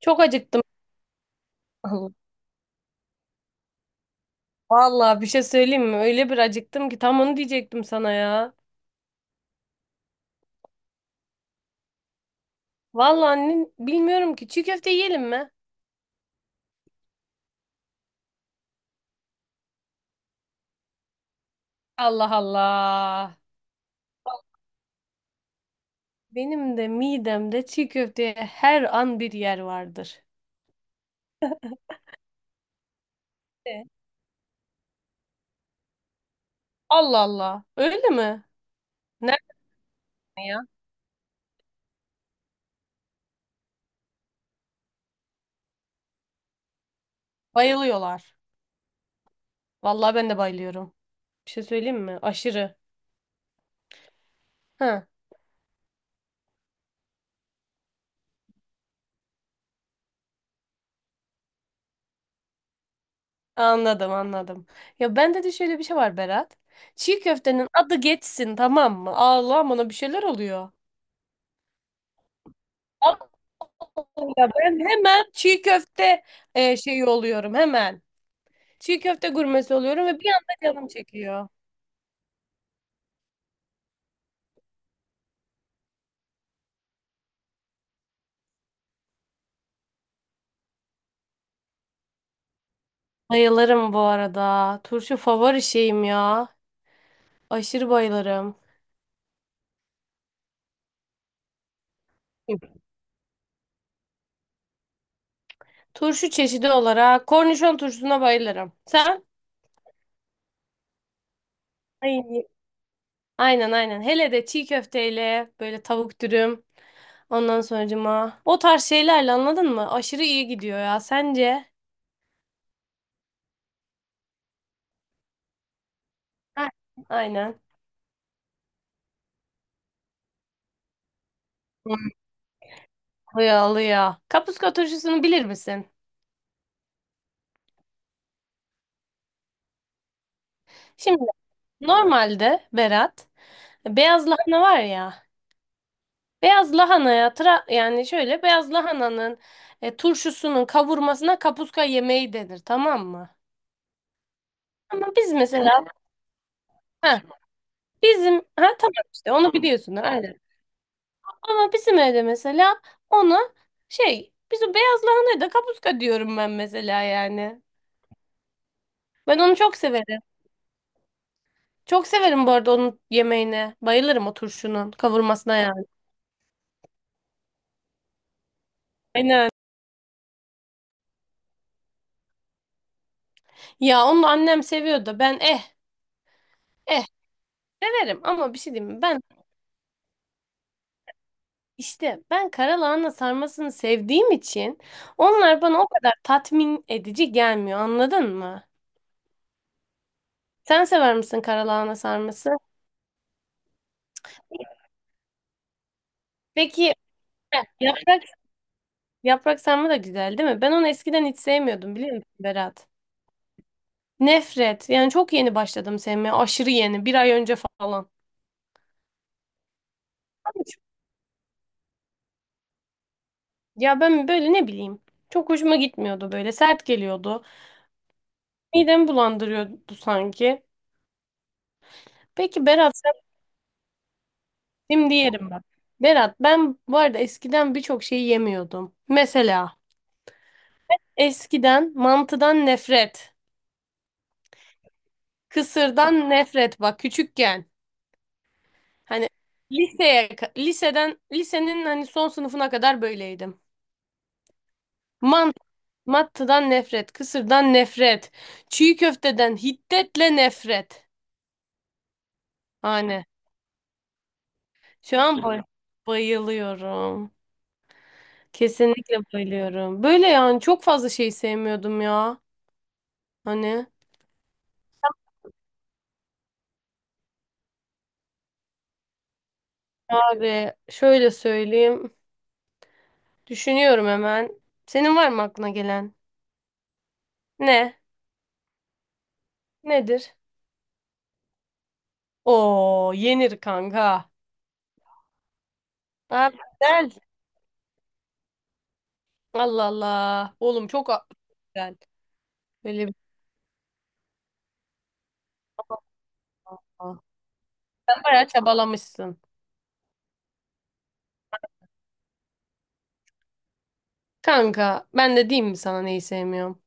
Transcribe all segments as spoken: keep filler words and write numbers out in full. Çok acıktım. Vallahi bir şey söyleyeyim mi? Öyle bir acıktım ki tam onu diyecektim sana ya. Vallahi annen bilmiyorum ki çiğ köfte yiyelim mi? Allah Allah. Benim de midemde çiğ köfteye her an bir yer vardır. E? Allah Allah. Öyle mi? Nerede ya? Bayılıyorlar. Vallahi ben de bayılıyorum. Bir şey söyleyeyim mi? Aşırı. Ha. Anladım anladım. Ya bende de şöyle bir şey var Berat. Çiğ köftenin adı geçsin tamam mı? Allah bana bir şeyler oluyor. Ya ben hemen çiğ köfte e, şeyi oluyorum hemen. Çiğ köfte gurmesi oluyorum ve bir anda canım çekiyor. Bayılırım bu arada. Turşu favori şeyim ya. Aşırı bayılırım. Turşu çeşidi olarak kornişon turşusuna bayılırım. Sen? Ay. Aynen aynen. Hele de çiğ köfteyle böyle tavuk dürüm. Ondan sonracıma o tarz şeylerle anladın mı? Aşırı iyi gidiyor ya. Sence? Ha. Aynen. Alıyor alıyor. Kapuska turşusunu bilir misin? Şimdi. Normalde Berat, beyaz lahana var ya. Beyaz lahanaya tra- yani şöyle beyaz lahananın e, turşusunun kavurmasına kapuska yemeği denir tamam mı? Ama biz mesela ha bizim ha tamam işte onu biliyorsun aynen. Ama bizim evde mesela ona şey biz o beyaz lahanaya da kapuska diyorum ben mesela yani. Ben onu çok severim. Çok severim bu arada onun yemeğine. Bayılırım o turşunun kavurmasına yani. Aynen. Ya onu annem seviyor da ben eh eh severim ama bir şey diyeyim mi? Ben işte ben karalahana sarmasını sevdiğim için onlar bana o kadar tatmin edici gelmiyor anladın mı? Sen sever misin karalahana sarması? Peki heh, yaprak yaprak sarma da güzel değil mi? Ben onu eskiden hiç sevmiyordum biliyor musun Berat? Nefret. Yani çok yeni başladım sevmeye. Aşırı yeni. Bir ay önce falan. Ya ben böyle ne bileyim. Çok hoşuma gitmiyordu böyle. Sert geliyordu. Midemi bulandırıyordu sanki. Peki Berat, şimdi yerim bak. Berat ben bu arada eskiden birçok şeyi yemiyordum. Mesela eskiden mantıdan nefret, kısırdan nefret bak küçükken. Hani liseye liseden lisenin hani son sınıfına kadar böyleydim. Mantı, mantıdan nefret, kısırdan nefret, çiğ köfteden hiddetle nefret. Hani şu an bay- bayılıyorum. Kesinlikle bayılıyorum. Böyle yani çok fazla şey sevmiyordum ya. Hani abi şöyle söyleyeyim. Düşünüyorum hemen. Senin var mı aklına gelen? Ne? Nedir? Oo yenir kanka. Abi güzel. Allah Allah. Oğlum çok a- güzel. Böyle bir... Aa, sen bayağı çabalamışsın. Kanka ben de diyeyim mi sana neyi sevmiyorum?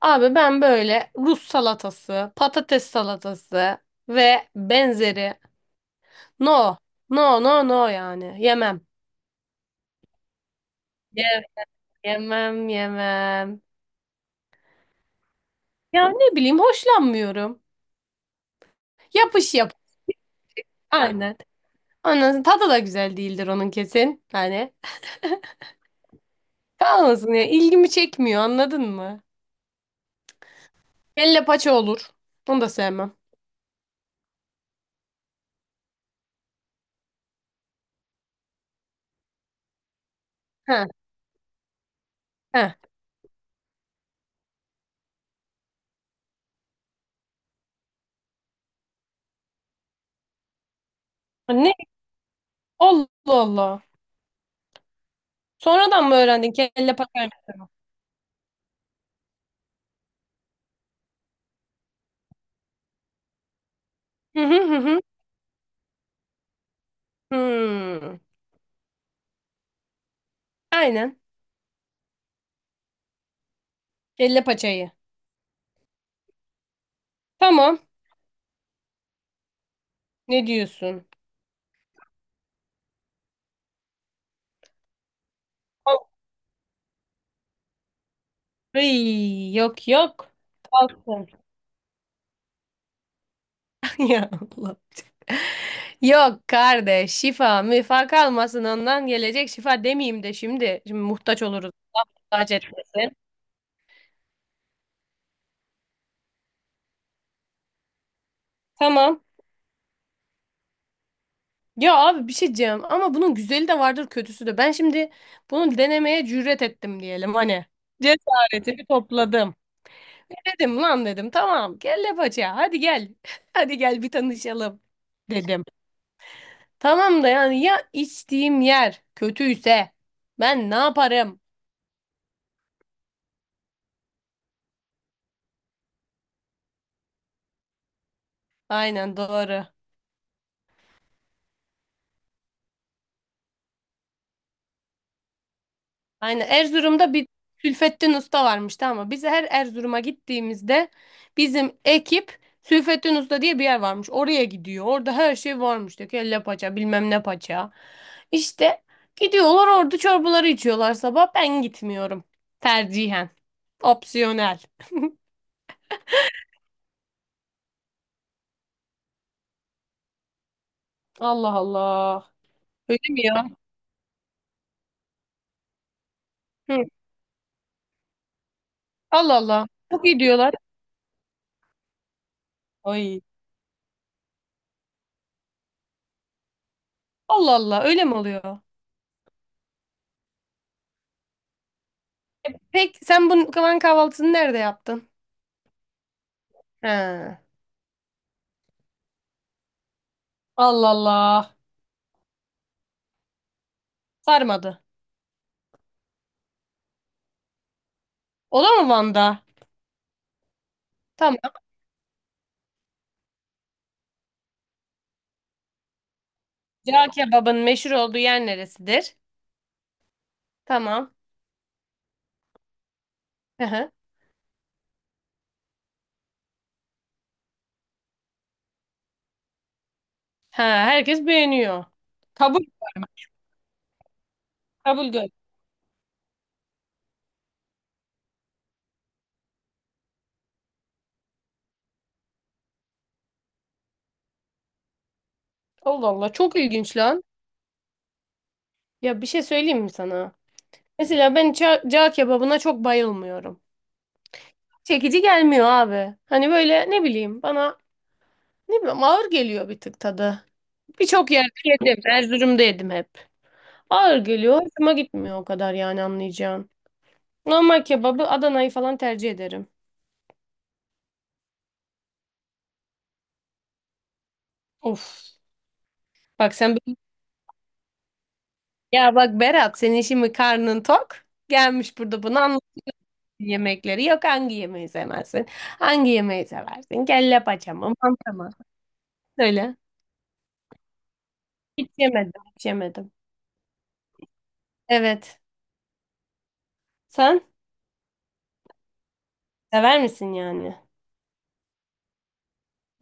Abi ben böyle Rus salatası, patates salatası ve benzeri. No. No no no yani. Yemem. Yemem yemem yemem. Ya ne bileyim hoşlanmıyorum. Yapış yap. Aynen. Onun tadı da güzel değildir onun kesin. Hani kalmasın ya ilgimi çekmiyor anladın mı? Kelle paça olur. Bunu da sevmem. Ha ha. Ne? Allah Allah. Sonradan mı öğrendin kelle paçayı? Hı hı hı hı. Hmm. Aynen. Kelle paçayı. Tamam. Ne diyorsun? Ay, yok yok. Kalsın. Ya Allah. Yok kardeş şifa müfa kalmasın ondan gelecek şifa demeyeyim de şimdi. Şimdi muhtaç oluruz. Muhtaç etmesin. Tamam. Ya abi bir şey diyeceğim ama bunun güzeli de vardır kötüsü de. Ben şimdi bunu denemeye cüret ettim diyelim hani. Cesaretimi topladım. Dedim lan dedim tamam kelle paça hadi gel. Hadi gel bir tanışalım dedim. Tamam da yani ya içtiğim yer kötüyse ben ne yaparım? Aynen doğru. Aynen Erzurum'da bir Sülfettin Usta varmış tamam mı? Biz her Erzurum'a gittiğimizde bizim ekip Sülfettin Usta diye bir yer varmış. Oraya gidiyor. Orada her şey varmış. İşte kelle paça bilmem ne paça. İşte gidiyorlar orada çorbaları içiyorlar sabah. Ben gitmiyorum. Tercihen. Opsiyonel. Allah Allah. Öyle mi ya? Hı. Allah Allah. Bu gidiyorlar. Ay. Allah Allah. Öyle mi oluyor? Peki sen bunun Kavan kahvaltısını nerede yaptın? He. Allah Allah. Sarmadı. O da mı Van'da? Tamam. Cağ kebabın meşhur olduğu yer neresidir? Tamam. Hı hı. Ha, herkes beğeniyor. Kabul, kabul gör. Allah Allah çok ilginç lan. Ya bir şey söyleyeyim mi sana? Mesela ben ça- cağ kebabına çok bayılmıyorum. Çekici gelmiyor abi. Hani böyle ne bileyim bana ne bileyim ağır geliyor bir tık tadı. Birçok yerde yedim. Erzurum'da yedim hep. Ağır geliyor. Hoşuma gitmiyor o kadar yani anlayacağın. Normal kebabı Adana'yı falan tercih ederim. Of. Bak sen. Ya bak Berat senin şimdi karnın tok. Gelmiş burada bunu anlatıyor yemekleri. Yok hangi yemeği sevmezsin? Hangi yemeği seversin? Kelle paça mı? Manta mı? Söyle. Hiç yemedim. Hiç yemedim. Evet. Sen sever misin yani?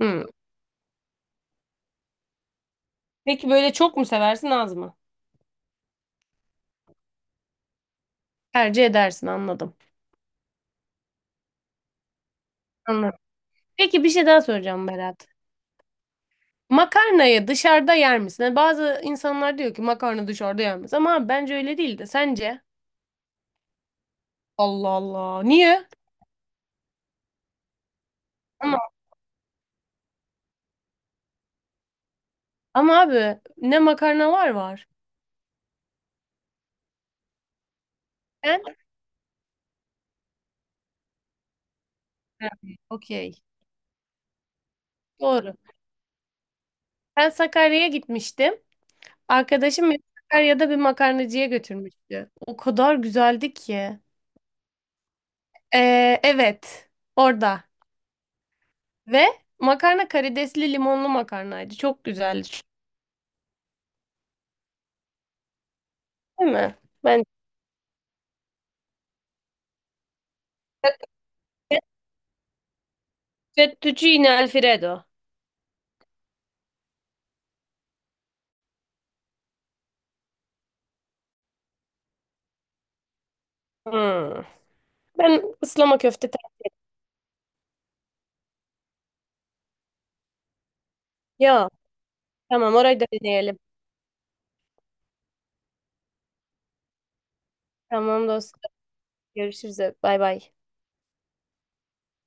Hmm. Peki böyle çok mu seversin az mı? Tercih edersin anladım. Anladım. Peki bir şey daha soracağım Berat. Makarnayı dışarıda yer misin? Hani bazı insanlar diyor ki makarna dışarıda yenmez. Ama abi, bence öyle değil de sence? Allah Allah. Niye? Ama abi ne makarna var var. Ben okey. Doğru. Ben Sakarya'ya gitmiştim. Arkadaşım beni Sakarya'da bir makarnacıya götürmüştü. O kadar güzeldi ki. Ee, evet. Orada. Ve makarna karidesli limonlu makarnaydı. Çok güzeldi. Değil mi? Ben fettuccine Alfredo. Hmm. Ben ıslama köfte. Ya tamam orayı da deneyelim. Tamam dostum. Görüşürüz. Bay bay.